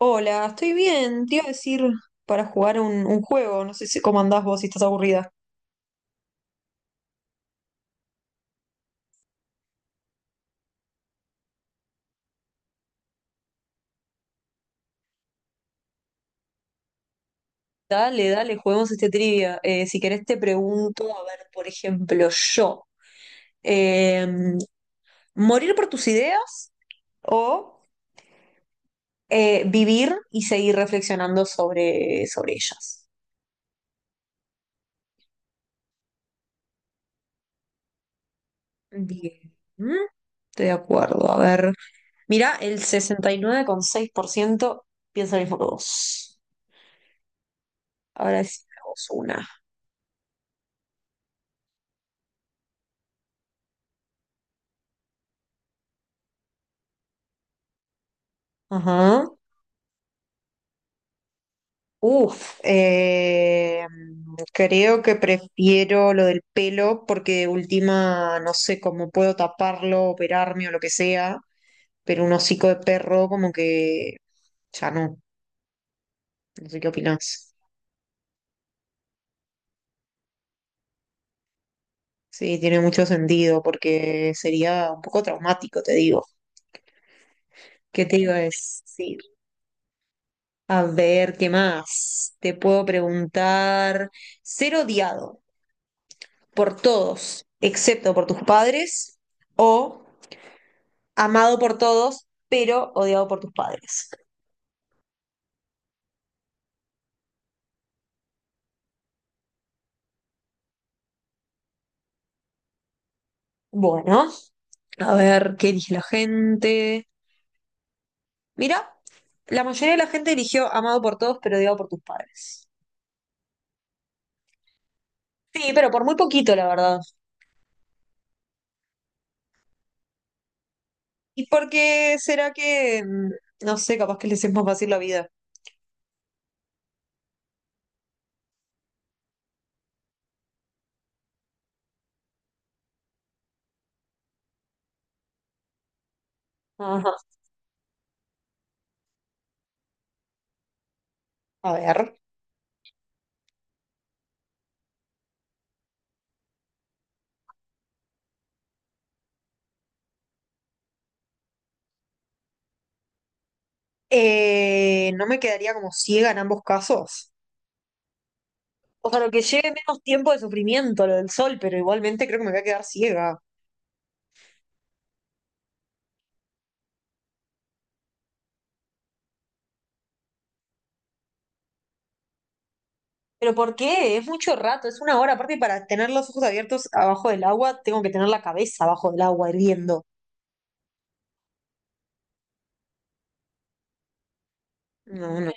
Hola, estoy bien. Te iba a decir para jugar un juego. No sé si cómo andás vos si estás aburrida. Dale, dale, juguemos este trivia. Si querés te pregunto, a ver, por ejemplo, yo, eh, ¿morir por tus ideas o vivir y seguir reflexionando sobre ellas? Bien, Mm, estoy de acuerdo. A ver, mira, el 69,6% piensa lo mismo que vos. Ahora decimos una. Ajá. Uf, creo que prefiero lo del pelo porque de última no sé cómo puedo taparlo, operarme o lo que sea, pero un hocico de perro como que ya no, no sé qué opinás. Sí, tiene mucho sentido porque sería un poco traumático, te digo. ¿Qué te iba a decir? A ver, ¿qué más? Te puedo preguntar, ser odiado por todos, excepto por tus padres, o amado por todos, pero odiado por tus padres. Bueno, a ver qué elige la gente. Mira, la mayoría de la gente eligió amado por todos, pero odiado por tus padres. Sí, pero por muy poquito, la verdad. ¿Y por qué será que, no sé, capaz que les es más fácil la vida? Ajá. A ver. No me quedaría como ciega en ambos casos. O sea, lo que lleve menos tiempo de sufrimiento, lo del sol, pero igualmente creo que me voy a quedar ciega. ¿Pero por qué? Es mucho rato, es una hora. Aparte, para tener los ojos abiertos abajo del agua, tengo que tener la cabeza abajo del agua hirviendo. No, no.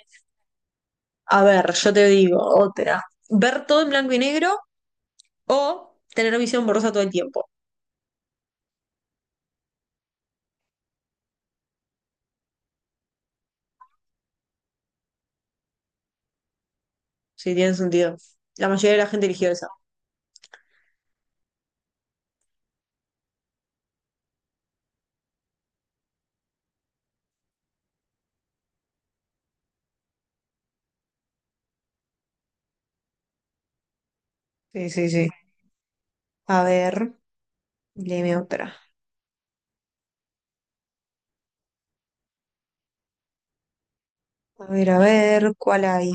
A ver, yo te digo otra. Ver todo en blanco y negro o tener visión borrosa todo el tiempo. Sí, tiene sentido. La mayoría de la gente eligió esa. Sí, sí, sí. A ver, léeme otra. A ver, ¿cuál hay?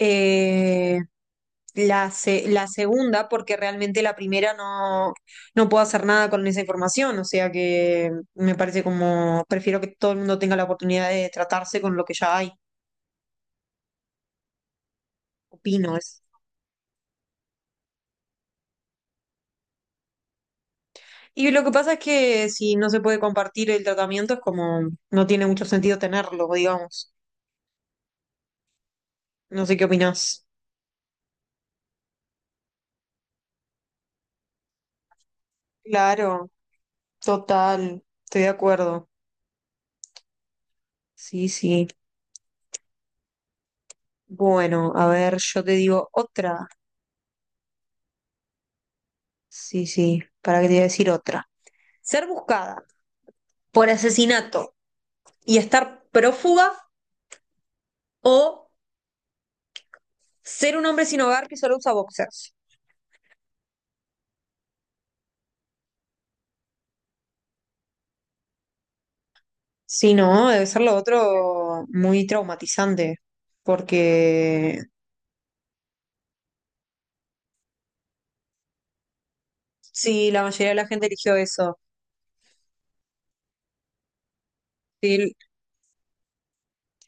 Eh, la segunda, porque realmente la primera no, no puedo hacer nada con esa información, o sea que me parece como, prefiero que todo el mundo tenga la oportunidad de tratarse con lo que ya hay, opino es. Y lo que pasa es que si no se puede compartir el tratamiento es como, no tiene mucho sentido tenerlo, digamos. No sé qué opinás. Claro, total, estoy de acuerdo. Sí, sí. Bueno, a ver, yo te digo otra. Sí, sí, para que te voy a decir otra. Ser buscada por asesinato y estar prófuga o ser un hombre sin hogar que solo usa boxers. Sí, no, debe ser lo otro muy traumatizante, porque sí, la mayoría de la gente eligió eso. Sí,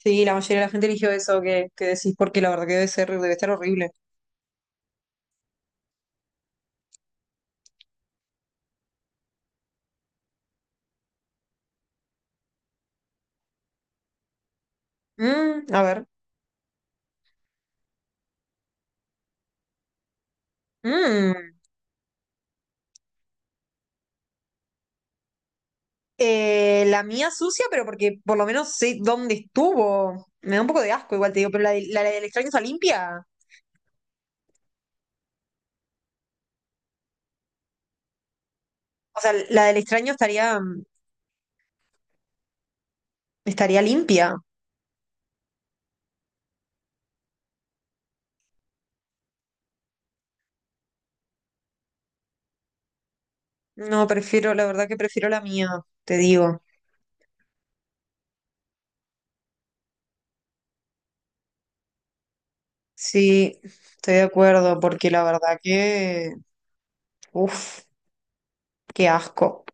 sí, la mayoría de la gente eligió eso que decís, porque la verdad que debe ser, debe estar horrible. Mm, a ver. Mm. La mía sucia, pero porque por lo menos sé dónde estuvo. Me da un poco de asco, igual te digo, pero la del extraño está limpia. O sea, la del extraño estaría limpia. No, prefiero, la verdad que prefiero la mía, te digo. Sí, estoy de acuerdo, porque la verdad que. Uf, qué asco.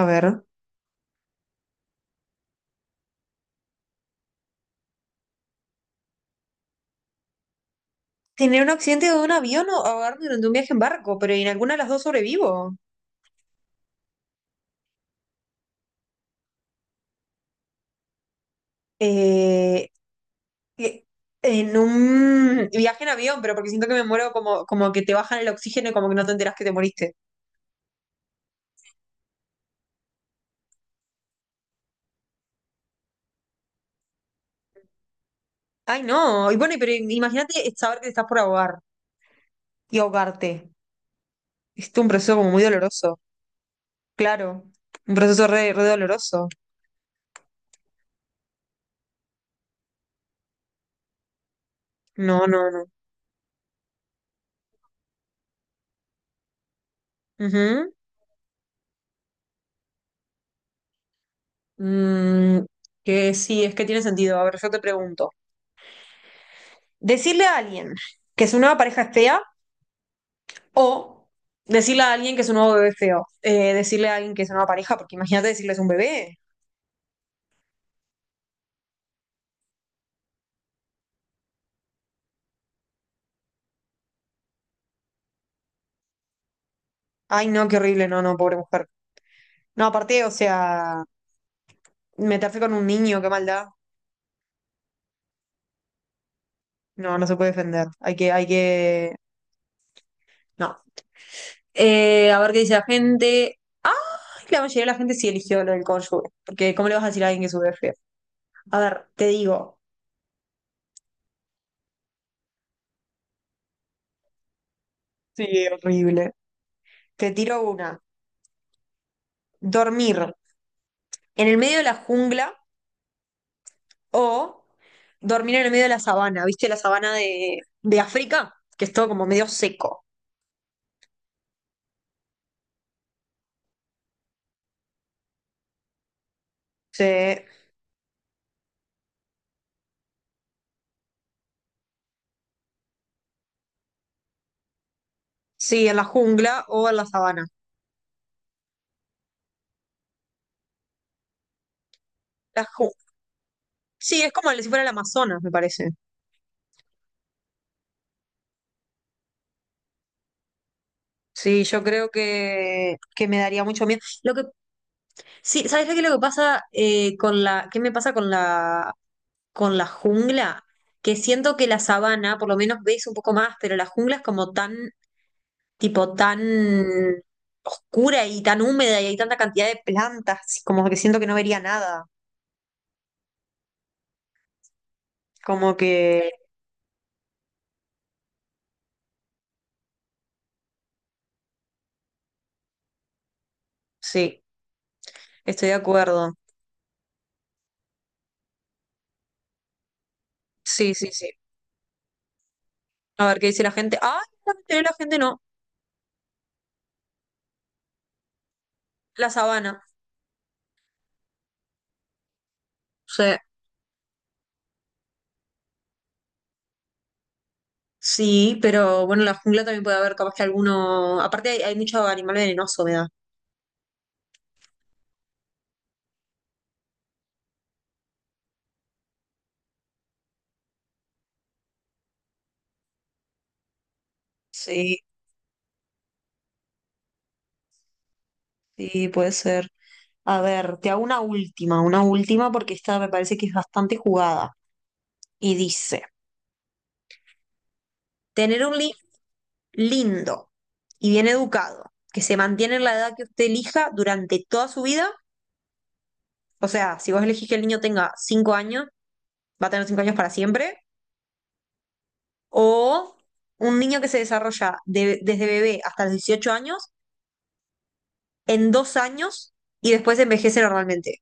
A ver. Tener un accidente de un avión o ahogarme durante un viaje en barco, pero en alguna de las dos sobrevivo. Eh, que- En un viaje en avión, pero porque siento que me muero como, como que te bajan el oxígeno y como que no te enteras que te moriste. Ay, no. Y bueno, pero imagínate saber que te estás por ahogar y ahogarte. Es un proceso como muy doloroso. Claro. Un proceso re, re doloroso. No, no, no. Ujú. Mm, que sí, es que tiene sentido. A ver, yo te pregunto. Decirle a alguien que su nueva pareja es fea o decirle a alguien que su nuevo bebé es feo. Decirle a alguien que es una nueva pareja, porque imagínate decirles un bebé. Ay, no, qué horrible, no, no, pobre mujer. No, aparte, o sea, meterse con un niño, qué maldad. No, no se puede defender. Hay que. No. A ver qué dice la gente. Ah, la mayoría de la gente sí eligió lo del cónyuge. Porque, ¿cómo le vas a decir a alguien que sube feo? A ver, te digo. Sí, horrible. Te tiro una. Dormir en el medio de la jungla o dormir en el medio de la sabana. ¿Viste la sabana de África? Que es todo como medio seco. Sí. Sí, en la jungla o en la sabana. La ju- sí, es como si fuera el Amazonas, me parece. Sí, yo creo que me daría mucho miedo. Lo que, sí, ¿sabes qué es lo que pasa qué me pasa con la jungla? Que siento que la sabana, por lo menos veis un poco más, pero la jungla es como tan, tipo, tan oscura y tan húmeda y hay tanta cantidad de plantas, como que siento que no vería nada. Como que, sí, estoy de acuerdo. Sí, sí, sí. A ver qué dice la gente. Ah, la mayoría de la gente no. La sabana. Sea, sí, pero bueno, en la jungla también puede haber capaz que alguno. Aparte, hay mucho animal venenoso, me da. Sí, sí, puede ser. A ver, te hago una última porque esta me parece que es bastante jugada. Y dice, tener un lindo y bien educado, que se mantiene en la edad que usted elija durante toda su vida. O sea, si vos elegís que el niño tenga 5 años, va a tener 5 años para siempre. O un niño que se desarrolla desde bebé hasta los 18 años en 2 años y después envejece normalmente.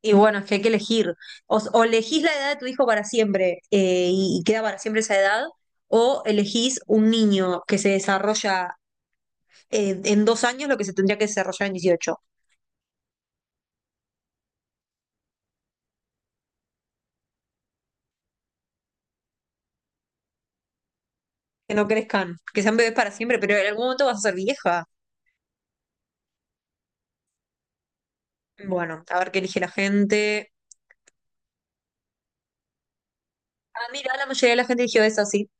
Y bueno, es que hay que elegir. O elegís la edad de tu hijo para siempre y queda para siempre esa edad, o elegís un niño que se desarrolla en 2 años lo que se tendría que desarrollar en 18. Que no crezcan, que sean bebés para siempre, pero en algún momento vas a ser vieja. Bueno, a ver qué elige la gente. Ah, mira, la mayoría de la gente eligió eso, sí.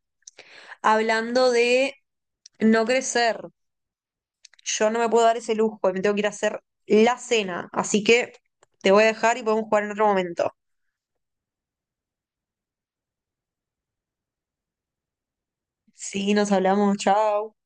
Hablando de no crecer. Yo no me puedo dar ese lujo, me tengo que ir a hacer la cena, así que te voy a dejar y podemos jugar en otro momento. Sí, nos hablamos, chao.